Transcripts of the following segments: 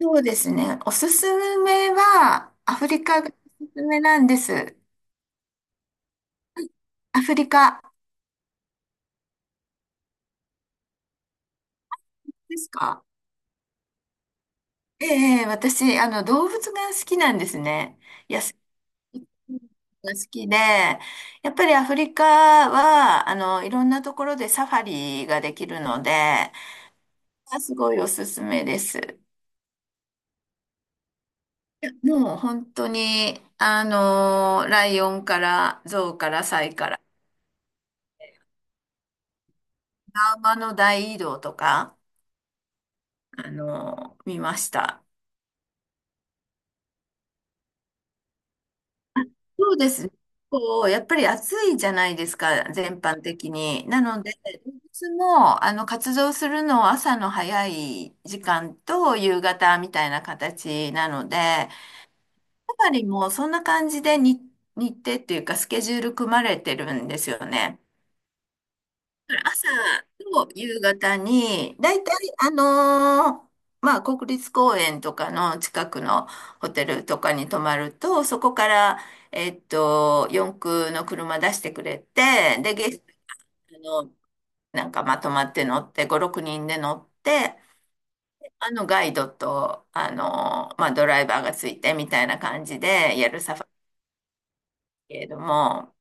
そうですね。おすすめは、アフリカがおすすめなんです。アフリカですか？ええ、ええ私、動物が好きなんですね。野生動物が好きで、やっぱりアフリカは、いろんなところでサファリができるので、すごいおすすめです。もう本当に、ライオンからゾウからサイから、馬の大移動とか、見ました。そうですね。こう、やっぱり暑いじゃないですか、全般的に。なので、つも、活動するのは朝の早い時間と夕方みたいな形なので、やっぱりもうそんな感じでに日程っていうかスケジュール組まれてるんですよね。朝と夕方に、だいたい、国立公園とかの近くのホテルとかに泊まると、そこから、四駆の車出してくれて、で、ゲストの、なんかまとまって乗って、5、6人で乗って、ガイドと、ドライバーがついてみたいな感じでやるサファリけれども、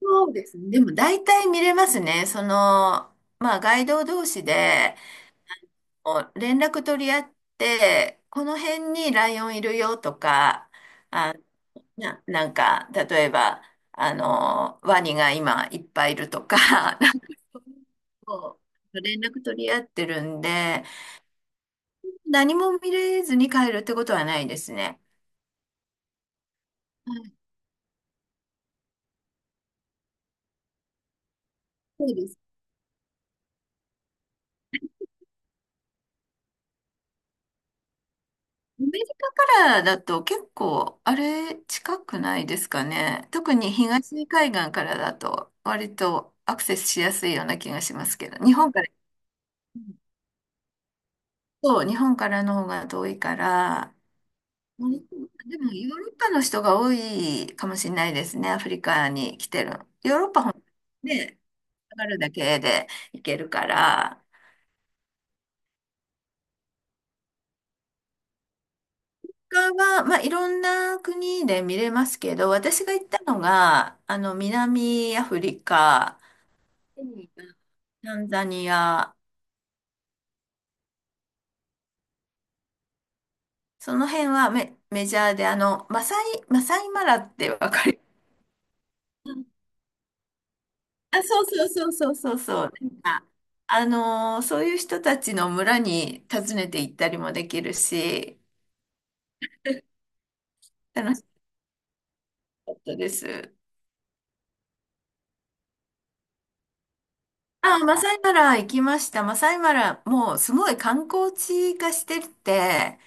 そうですね。でも大体見れますね。その、まあ、ガイド同士で、連絡取り合って、この辺にライオンいるよとか、あ、なんか、例えば、ワニが今いっぱいいるとか、なんかこう連絡取り合ってるんで、何も見れずに帰るってことはないですね。はい、そうです。アメリカからだと結構、あれ、近くないですかね。特に東海岸からだと、割とアクセスしやすいような気がしますけど、日本から。そう、日本からの方が遠いから、うん、でもヨーロッパの人が多いかもしれないですね、アフリカに来てる。ヨーロッパほんね、上がるだけで行けるから、他は、まあ、いろんな国で見れますけど、私が行ったのが、南アフリカ、ケニア、タンザニア、その辺はメジャーで、マサイマラってわかります？あ、そうそう。なんか、そういう人たちの村に訪ねて行ったりもできるし、楽しかったです。あ、マサイマラ行きました。マサイマラ、もうすごい観光地化してて、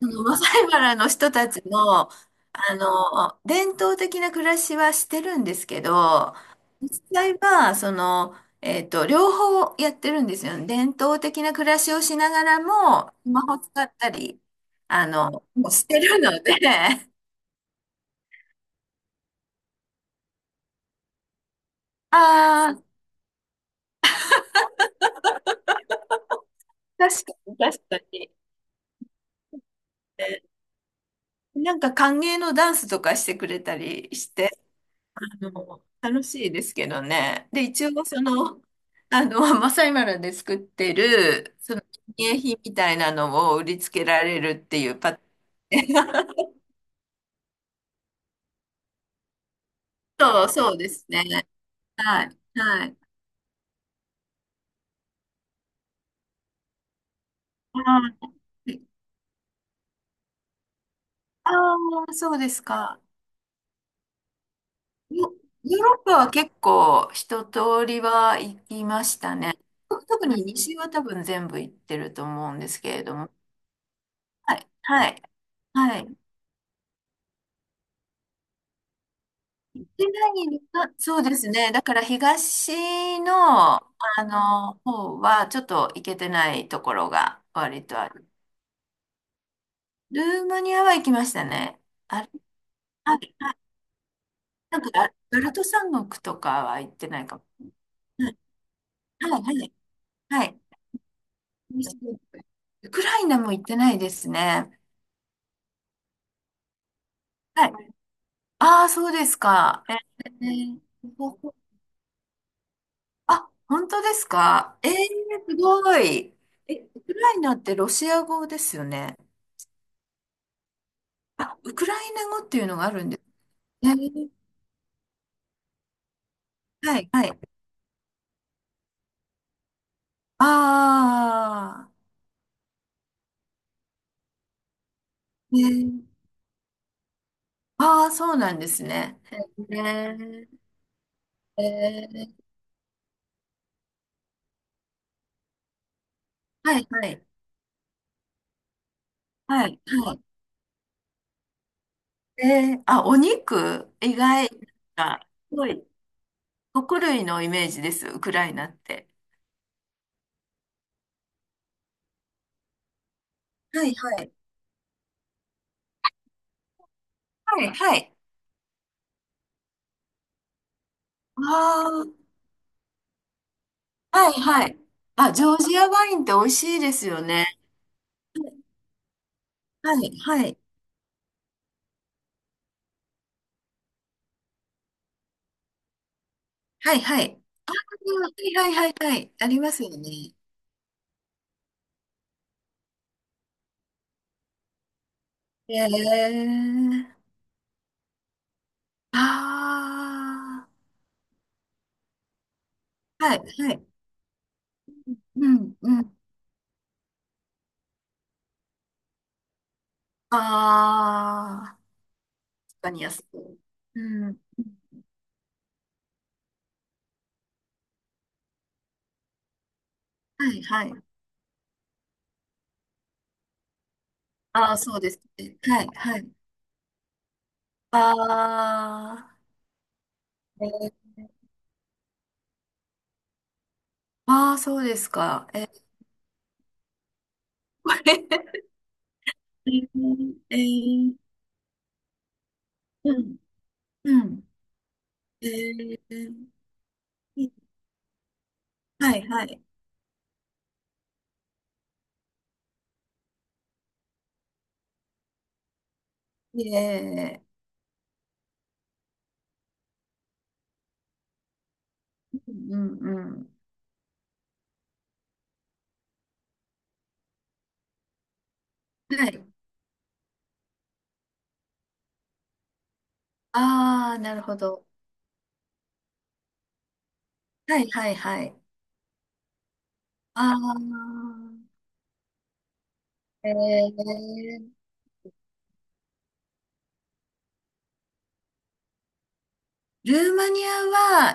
そのマサイマラの人たちの、伝統的な暮らしはしてるんですけど、実際は、その、両方やってるんですよね。伝統的な暮らしをしながらも、スマホ使ったり、もうしてるので、ああ、確かに。え、なんか歓迎のダンスとかしてくれたりして、あの楽しいですけどね。で、一応その、マサイマラで作ってる、その、記念品みたいなのを売りつけられるっていうパターン。そうですね。はい、はい。ああー、そうですか。ヨ、ヨーロッパは結構一通りは行きましたね。特に西は多分全部行ってると思うんですけれども。はい、はい、はい。市内に、あ、そうですね。だから東の、方はちょっと行けてないところが割とある。ルーマニアは行きましたね。あれ、あ、なんか、あバルト三国とかは行ってないかも。はい、はい、はい。はい、ウクライナも行ってないですね。はい。ああ、そうですか。えー、あ、本当ですか。えー、すごい。え、ウクライナってロシア語ですよね？あ、ウクライナ語っていうのがあるんですね。はい、はい。ああ、ね、ああ、そうなんですね。ね、えー、はい、はい、はい、はい。えー、あ、お肉、意外、なんかすごい、穀類のイメージです、ウクライナって。はい、はい。はい、はい。ああ、はい、はい。あ、ジョージアワインって美味しいですよね。はい、はい。はい、はい。はい、はい、はい、はい。ありますよね。ええ、ああー、はい、はい。うん、うん。ああ、確かに安く。うん、はい、はい。ああ、そうですね。はい、はい。ああ、えー、ああ、そうですか。えー、これ、えー、えー、うん、うん。えー、はい、はい。えー、うん、うん。うん、はい。ああ、なるほど。はい、はい、はい。ああ、えー、ルーマニア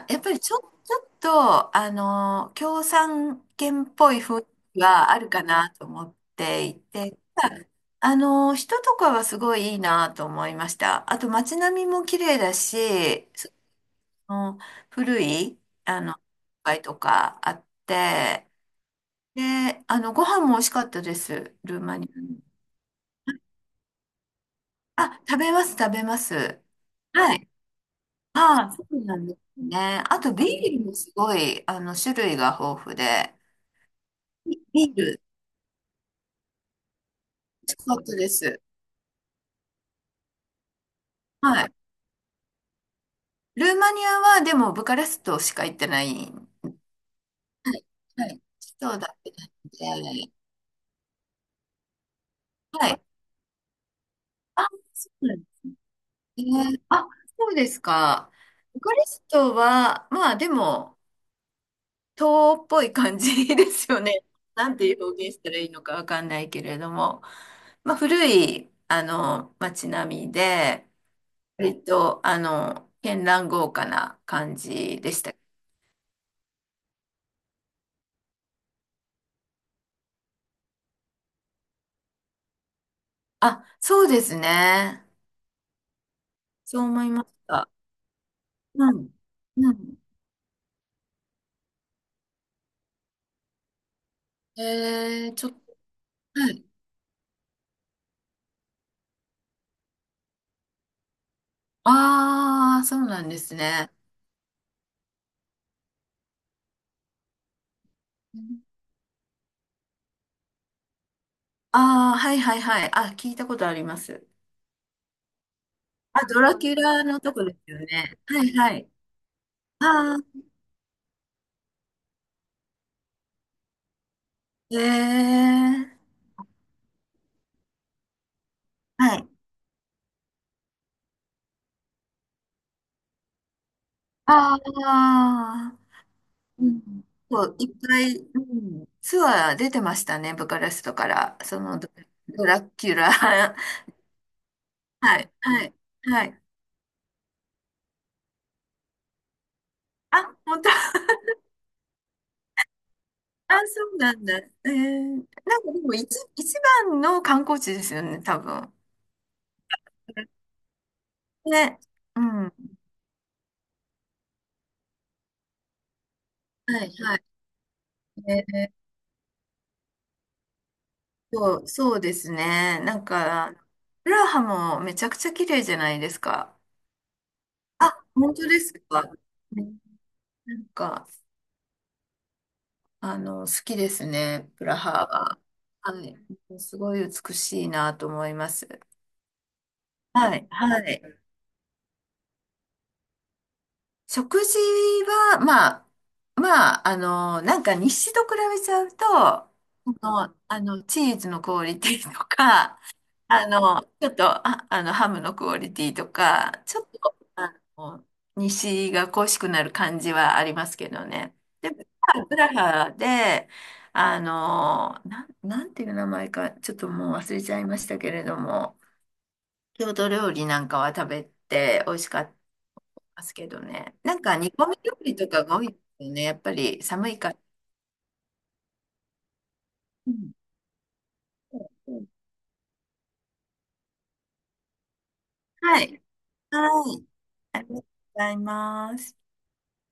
は、やっぱりちょ、ちょっと、共産圏っぽい雰囲気はあるかなと思っていて、ただあの、人とかはすごいいいなと思いました。あと街並みも綺麗だし、その古い、あの、街とかあって、で、ご飯も美味しかったです、ルーマニアの。あ、食べます。はい、ああ、そうなんですね。あと、ビールもすごい、種類が豊富で、ビビール、美味しかったです。はい。ルーマニアは、でも、ブカレストしか行ってない。はい。はい。そうだけなので、はい。あ、そうなんですね。あ、そうですか。ブカレストは、まあ、でも、東欧っぽい感じですよね。なんて表現したらいいのかわかんないけれども、まあ、古い、街並みで、割と、絢爛豪華な感じでした。あ、そうですね。そう思いました。うん。うん。えー、ちょっと、はい。ああ、そうなんですね。ああ、はいはいはい。あ、聞いたことあります。あ、ドラキュラのとこですよね。はいはい。ああ、ええー、はい。ああ、うん。そう、いっぱい、うん、ツアー出てましたね、ブカレストから。そのドラキュラ。はい、はい、はい。あ、本当。あ、そうなんだ。えー、なんかでも一番の観光地ですよね、多分。ね。うん。はい、はい。えー、そうですね。なんか、プラハもめちゃくちゃ綺麗じゃないですか。あ、本当ですか。ね、なんか、好きですね、プラハは。はい。すごい美しいなと思います。はい、はい。食事は、まあ、まあ、なんか日誌と比べちゃうと、ああのチーズのクオリティとか、あの、ちょっと、あ、あの、ハムのクオリティとか、ちょっと、の、日誌が恋しくなる感じはありますけどね。で、プラハで、なんていう名前か、ちょっともう忘れちゃいましたけれども、郷土料理なんかは食べて美味しかったますけどね。なんか煮込み料理とかが多いですよね。やっぱり寒いから。うん、はい。はい。ありがとうございます。